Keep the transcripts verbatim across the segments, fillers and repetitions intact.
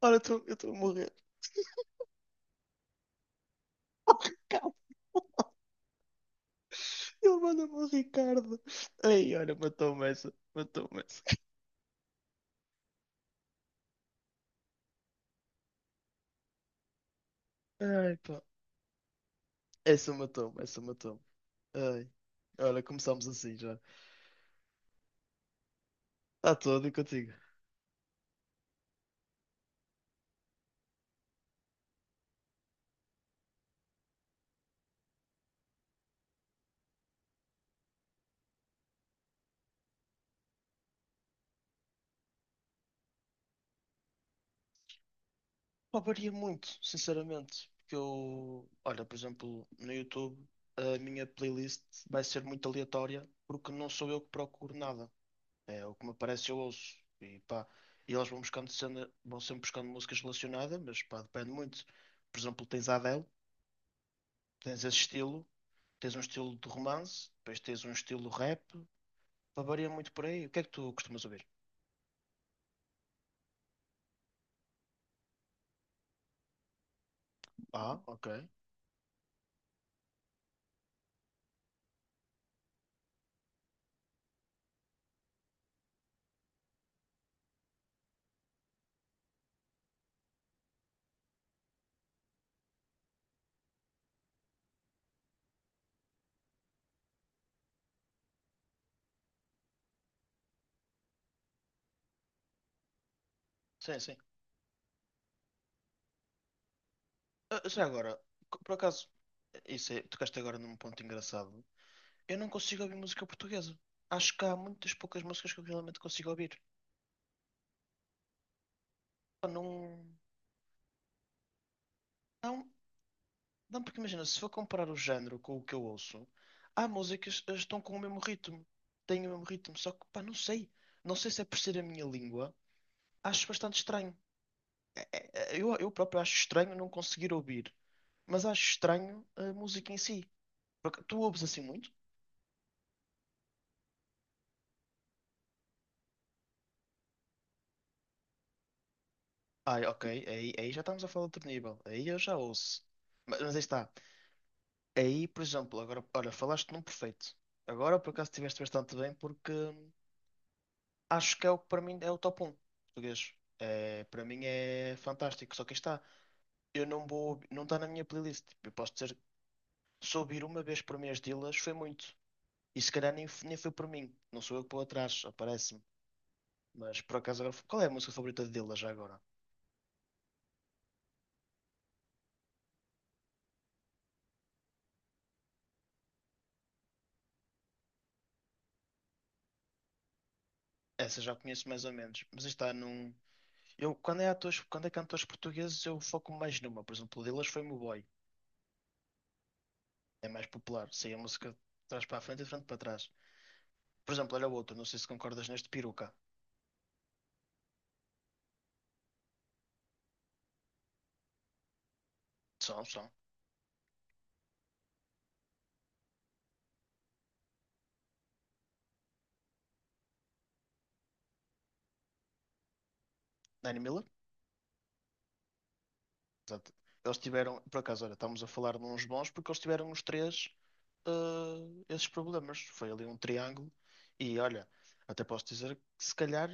Olha, eu estou eu estou a morrer. Calma, ele manda-me o Ricardo. Ai, olha, matou-me essa. Matou-me essa. Ai, pá. Essa matou-me, essa matou-me. Ai. Olha, começámos assim já. Está todo e contigo. Pá, varia muito, sinceramente. Porque eu, olha, por exemplo, no YouTube, a minha playlist vai ser muito aleatória porque não sou eu que procuro nada. É o que me aparece, eu ouço. E pá, e eles vão buscando cena, vão sempre buscando músicas relacionadas, mas pá, depende muito. Por exemplo, tens a Adele. Tens esse estilo, tens um estilo de romance, depois tens um estilo rap, pá, varia muito por aí. O que é que tu costumas ouvir? Ah, ok. Sim, sim. Ah, já agora, co- por acaso, isso é, tocaste agora num ponto engraçado. Eu não consigo ouvir música portuguesa. Acho que há muitas poucas músicas que eu realmente consigo ouvir. Pá, não, não, não, porque imagina, se for comparar o género com o que eu ouço, há músicas que estão com o mesmo ritmo. Têm o mesmo ritmo, só que, pá, não sei. Não sei se é por ser a minha língua. Acho bastante estranho. eh, Eu, eu próprio acho estranho não conseguir ouvir, mas acho estranho a música em si. Porque tu ouves assim muito? Ah, é, ok, aí, aí já estamos a falar de outro nível. Aí eu já ouço. Mas, mas aí está. Aí, por exemplo, agora, olha, falaste num perfeito. Agora, por acaso, estiveste bastante bem, porque hum, acho que é o que para mim é o top um português. É, para mim é fantástico. Só que aí está. Eu não vou, não está na minha playlist. Tipo, eu posso dizer, se ouvir uma vez por mês delas, foi muito. E se calhar nem, f- nem foi por mim. Não sou eu que vou atrás, aparece-me. Mas por acaso agora. Qual é a música favorita dele já agora? Essa já conheço mais ou menos. Mas está num. Eu, quando é atores, quando é cantores portugueses, eu foco mais numa. Por exemplo, o Dillas foi Meu Boy. É mais popular. Sei a música de trás para a frente e de frente para trás. Por exemplo, olha o outro. Não sei se concordas neste, Peruca. São, são. Danny Miller. Exato. Eles tiveram. Por acaso, olha, estamos a falar de uns bons porque eles tiveram os três eh, esses problemas. Foi ali um triângulo. E olha, até posso dizer que se calhar.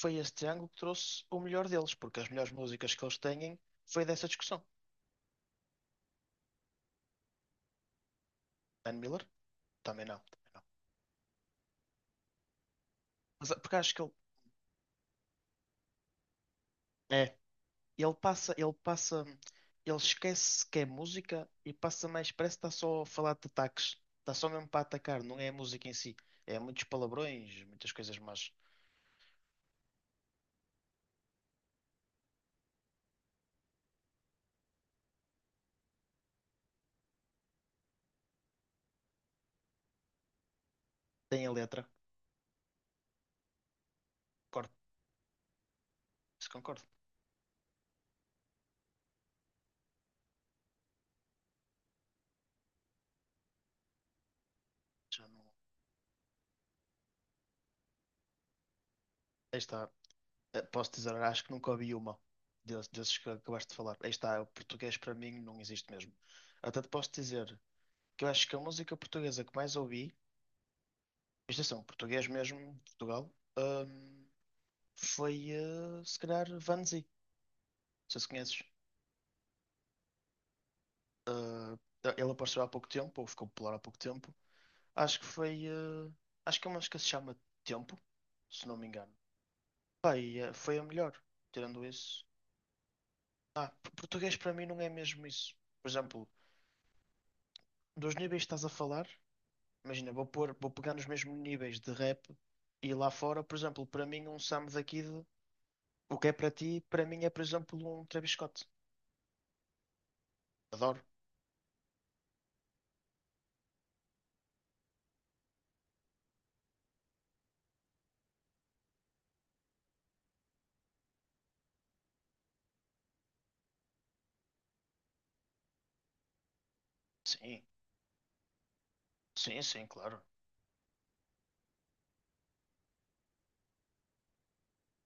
Foi este ângulo que trouxe o melhor deles, porque as melhores músicas que eles têm foi dessa discussão. Dan Miller? Também não, também não. Mas, ah, porque acho que ele é, ele passa, ele passa, ele esquece que é música e passa mais, parece que está só a falar de ataques, está só mesmo para atacar, não é a música em si, é muitos palavrões, muitas coisas, mas tem a letra. Concordo, se concordo. Já não... Aí está, Eh, posso dizer, acho que nunca ouvi uma desses, desses que acabaste de falar. Aí está, o português para mim não existe mesmo. Até te posso dizer, que eu acho que a música portuguesa que mais ouvi, isto atenção, português mesmo, Portugal, hum, foi eh, se calhar Vanzi, se se conheces. Eh, Ele apareceu há pouco tempo, ou ficou popular há pouco tempo. Acho que foi. Eh, acho que é uma música que se chama Tempo, se não me engano. Pá, e, eh, foi a melhor, tirando isso. Ah, p- português para mim não é mesmo isso. Por exemplo, dos níveis que estás a falar, imagina, vou pôr, vou pegar nos mesmos níveis de rap e lá fora, por exemplo, para mim um Sam daqui. O que é para ti, para mim é, por exemplo, um Travis Scott. Adoro. Sim, sim, sim, claro.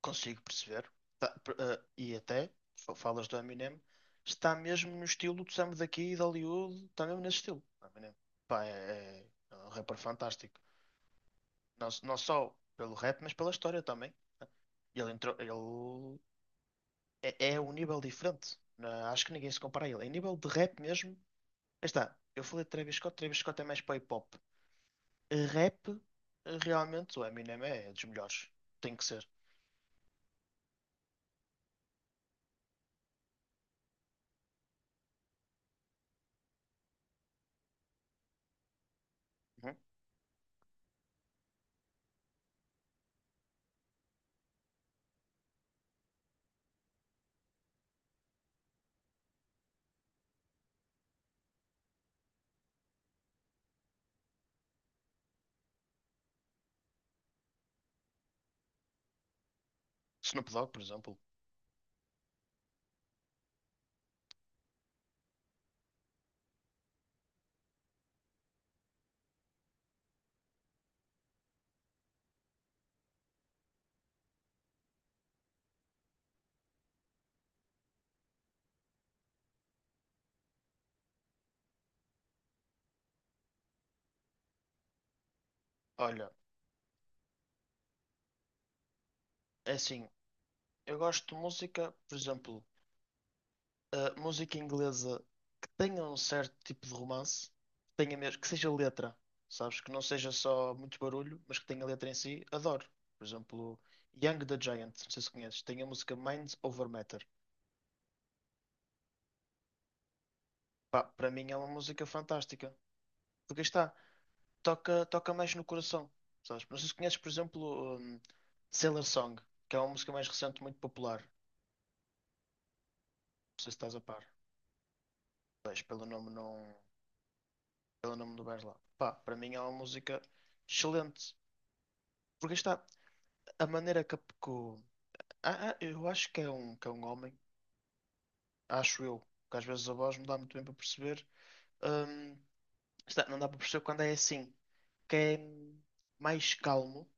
Consigo perceber. Tá, per- eh, e até, fa- falas do Eminem, está mesmo no estilo do Sam daqui e de Hollywood, está mesmo nesse estilo. Eminem. Pá, é, é é um rapper fantástico. Não, s- não só pelo rap, mas pela história também. Né? Ele entrou, ele é, é um nível diferente. Na- acho que ninguém se compara a ele. Em nível de rap mesmo, aí está. Eu falei de Travis Scott, Travis Scott é mais para hip hop. Rap, realmente, o Eminem é dos melhores. Tem que ser. Uhum. Snoop Dogg, por exemplo. Olha, é assim, eu gosto de música, por exemplo, eh, música inglesa que tenha um certo tipo de romance, que tenha mesmo, que seja letra, sabes? Que não seja só muito barulho, mas que tenha letra em si, adoro. Por exemplo, Young the Giant, não sei se conheces, tem a música Mind Over Matter. Pá, para mim é uma música fantástica. Porque aí está, toca, toca mais no coração, sabes? Não sei se conheces, por exemplo, um, Sailor Song, que é uma música mais recente, muito popular. Não sei se estás a par. Mas pelo nome não, pelo nome do vais lá. Pá, para mim é uma música excelente. Porque aí está a maneira que, que o- ah, ah, eu acho que é um, que é um homem, acho eu, que às vezes a voz não dá muito bem para perceber. Hum, está, não dá para perceber quando é assim, que é mais calmo.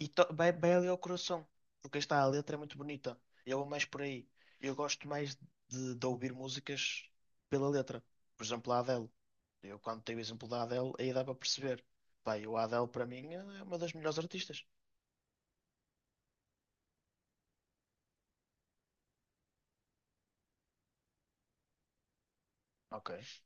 E to- vai, vai ali ao coração, porque aí está, a letra é muito bonita. Eu vou mais por aí. Eu gosto mais de, de, ouvir músicas pela letra. Por exemplo, a Adele. Eu, quando tenho o exemplo da Adele, aí dá para perceber. Pá, eu, a Adele, para mim, é uma das melhores artistas. Ok.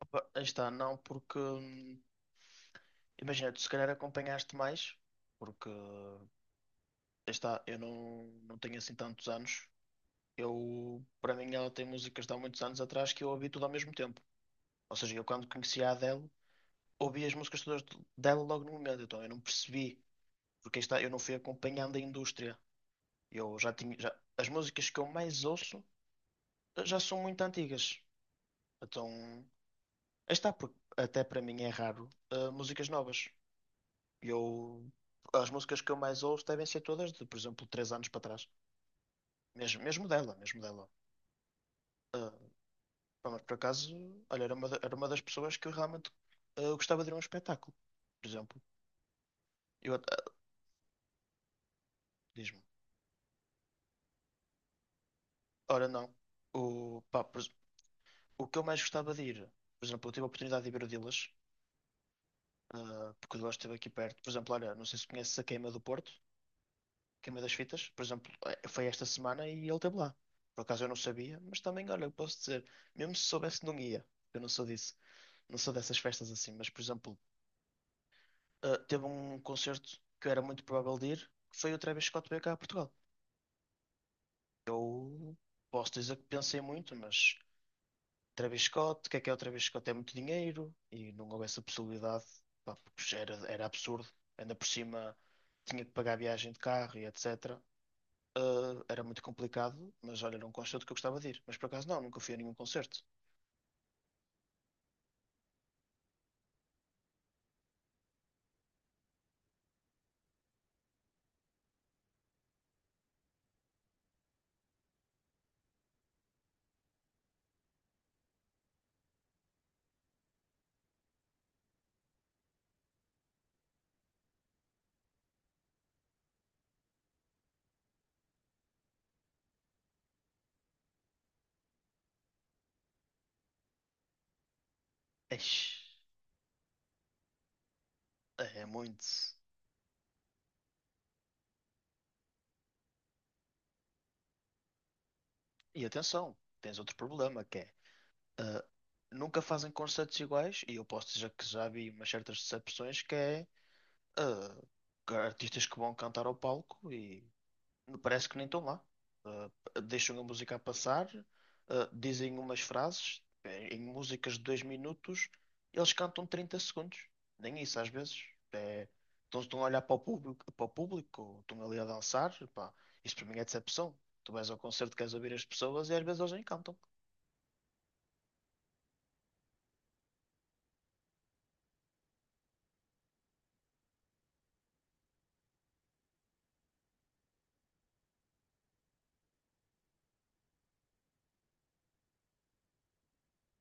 Opa, aí está, não, porque. hum, Imagina, tu se calhar acompanhaste mais, porque. Aí está, eu não, não tenho assim tantos anos. Eu, para mim, ela tem músicas de há muitos anos atrás que eu ouvi tudo ao mesmo tempo. Ou seja, eu quando conheci a Adele. Ouvi as músicas todas dela logo no momento, então eu não percebi, porque aí está, eu não fui acompanhando a indústria. Eu já tinha, já- as músicas que eu mais ouço eh, já são muito antigas. Então, aí está, porque até para mim é raro, eh, músicas novas. Eu, as músicas que eu mais ouço devem ser todas de, por exemplo, três anos para trás. Mesmo, mesmo dela, mesmo dela. Eh, pá, mas por acaso, olha, era uma, da- era uma das pessoas que eu realmente eh, gostava de ir a um espetáculo, por exemplo. Eu, até- diz-me, ora não. O, pá, por- o que eu mais gostava de ir, por exemplo, eu tive a oportunidade de ir ver o Dilas, ah, porque o Dilas esteve aqui perto. Por exemplo, olha, não sei se conheces a Queima do Porto, Queima das Fitas, por exemplo, eh, foi esta semana e ele esteve lá. Por acaso eu não sabia, mas também, olha, eu posso dizer, mesmo se soubesse, não ia. Eu não sou disso, não sou dessas festas assim, mas, por exemplo, ah, teve um concerto que eu era muito provável de ir, que foi o Travis Scott veio cá a Portugal. Eu posso dizer que pensei muito, mas. Travis Scott, o que é que é o Travis Scott? É muito dinheiro e não houve essa possibilidade, pá, porque era, era absurdo. Ainda por cima tinha que pagar a viagem de carro e etcetera. Ah, era muito complicado, mas olha, era um concerto que eu gostava de ir. Mas por acaso não, nunca fui a nenhum concerto. Eish, é muito. E atenção, tens outro problema que é ah, nunca fazem concertos iguais, e eu posso dizer que já vi umas certas decepções que é ah, artistas que vão cantar ao palco e parece que nem estão lá. Ah, deixam a música a passar, ah, dizem umas frases eh, em músicas de dois minutos, eles cantam trinta segundos. Nem isso às vezes. É, então estão a olhar para o público, para o público, estão ali a dançar. Pá, isso para mim é decepção. Tu vais ao concerto, queres ouvir as pessoas e às vezes eles nem cantam.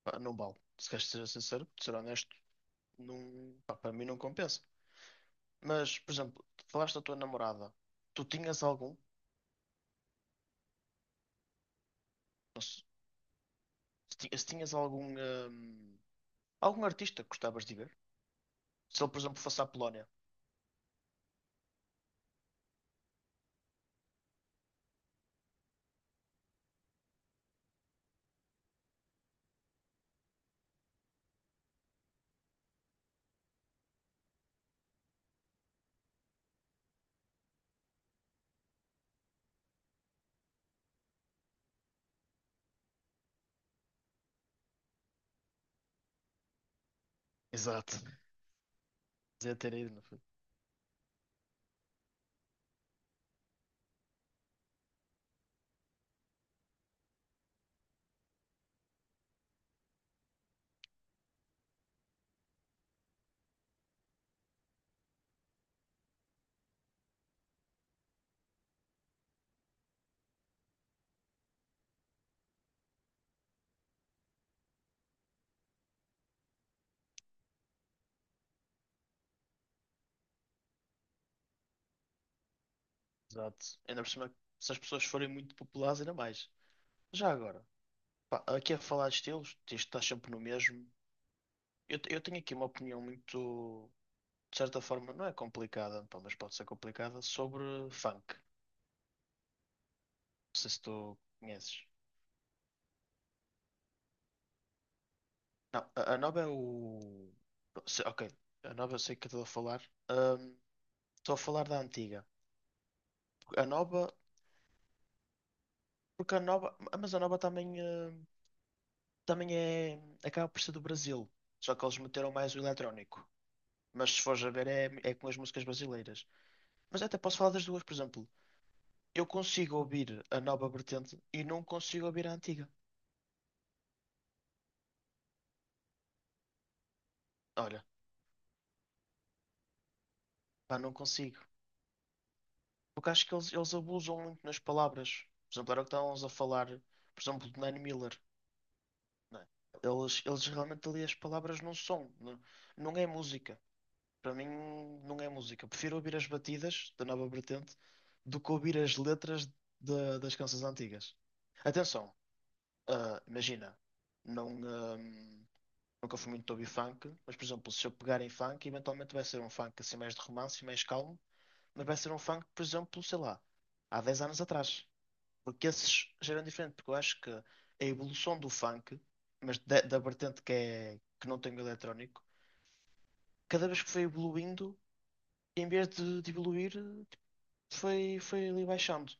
Pá, não vale. Se queres ser sincero, ser honesto, não, pá, para mim não compensa. Mas, por exemplo, falaste da tua namorada. Tu tinhas algum? Não sei, Se ti- se tinhas algum. hum, Algum artista que gostavas de ver? Se ele, por exemplo, fosse à Polónia. Exato. Dizia ter ido, não foi? Exato. Ainda por cima, se as pessoas forem muito populares, ainda mais. Já agora, pá, aqui a falar de estilos, isto está sempre no mesmo. Eu, te- eu tenho aqui uma opinião muito, de certa forma, não é complicada, pá, mas pode ser complicada, sobre funk. Não sei se tu conheces. Não, a, a Nova é o. se- ok, a Nova eu sei que estou a falar. Ahm, Estou a falar da antiga. A Nova, porque a Nova. Mas a Nova também. Também é. Acaba por ser do Brasil. Só que eles meteram mais o eletrónico. Mas se fores a ver, é, é com as músicas brasileiras. Mas até posso falar das duas, por exemplo. Eu consigo ouvir a nova vertente e não consigo ouvir a antiga. Olha, pá, não consigo. Porque acho que eles, eles, abusam muito nas palavras. Por exemplo, era o que estávamos a falar, por exemplo, do Nanny Miller. Né? Eles, eles realmente ali as palavras não são. Não, não é música. Para mim não é música. Prefiro ouvir as batidas da nova vertente do que ouvir as letras da- das canções antigas. Atenção, ah, imagina, não, ahm, nunca fui muito de ouvir funk, mas por exemplo, se eu pegar em funk, eventualmente vai ser um funk assim mais de romance, mais calmo, mas vai ser um funk, por exemplo, sei lá, há dez anos atrás. Porque esses já eram diferentes, porque eu acho que a evolução do funk, mas da, da, vertente que, é, que não tem o eletrónico, cada vez que foi evoluindo em vez de, de evoluir, tipo, foi, foi ali baixando.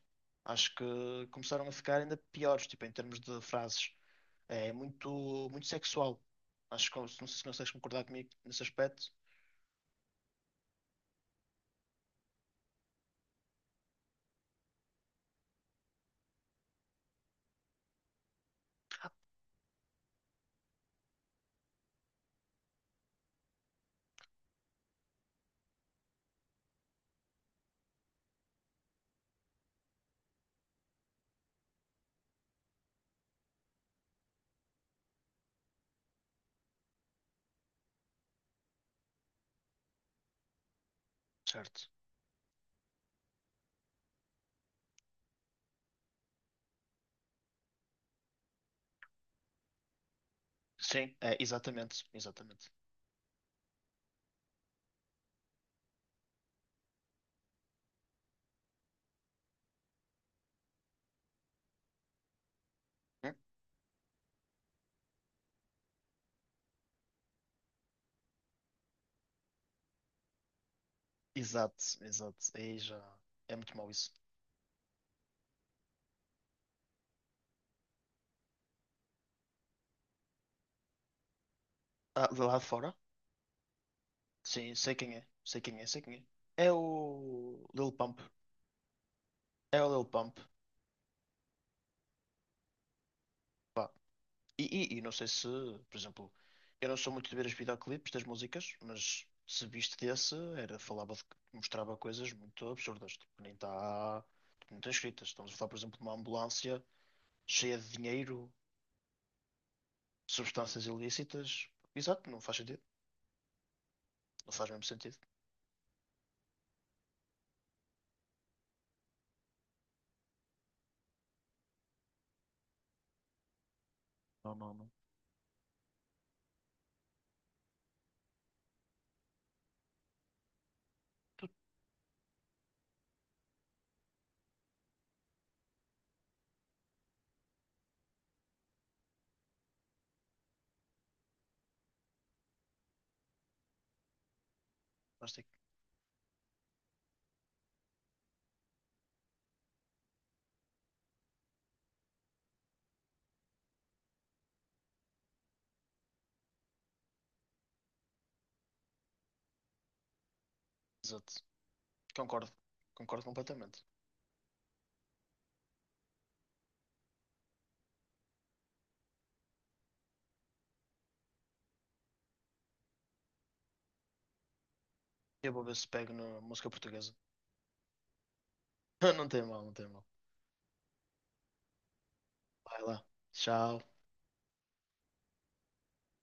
Acho que começaram a ficar ainda piores, tipo, em termos de frases. É muito, muito sexual. Acho que não sei se consegues concordar comigo nesse aspecto. Certo. Sim, é, exatamente, exatamente. Hum? Exato, exato. Aí já é muito mau isso. Ah, de lá de fora? Sim, sei quem é, sei quem é, sei quem é. É o Lil Pump. É o Lil Pump. E, e- e não sei se, por exemplo, eu não sou muito de ver os videoclipes das músicas, mas se viste desse, era, falava de, mostrava coisas muito absurdas, tipo, nem está, não está escritas. Estamos a falar, por exemplo, de uma ambulância cheia de dinheiro, substâncias ilícitas. Exato, não faz sentido. Não faz mesmo sentido. Não, não, não. Mas tem que- Exato. Concordo. Concordo completamente. Eu vou ver se pego na música portuguesa. Não tem mal, não tem mal. Vai lá. Tchau.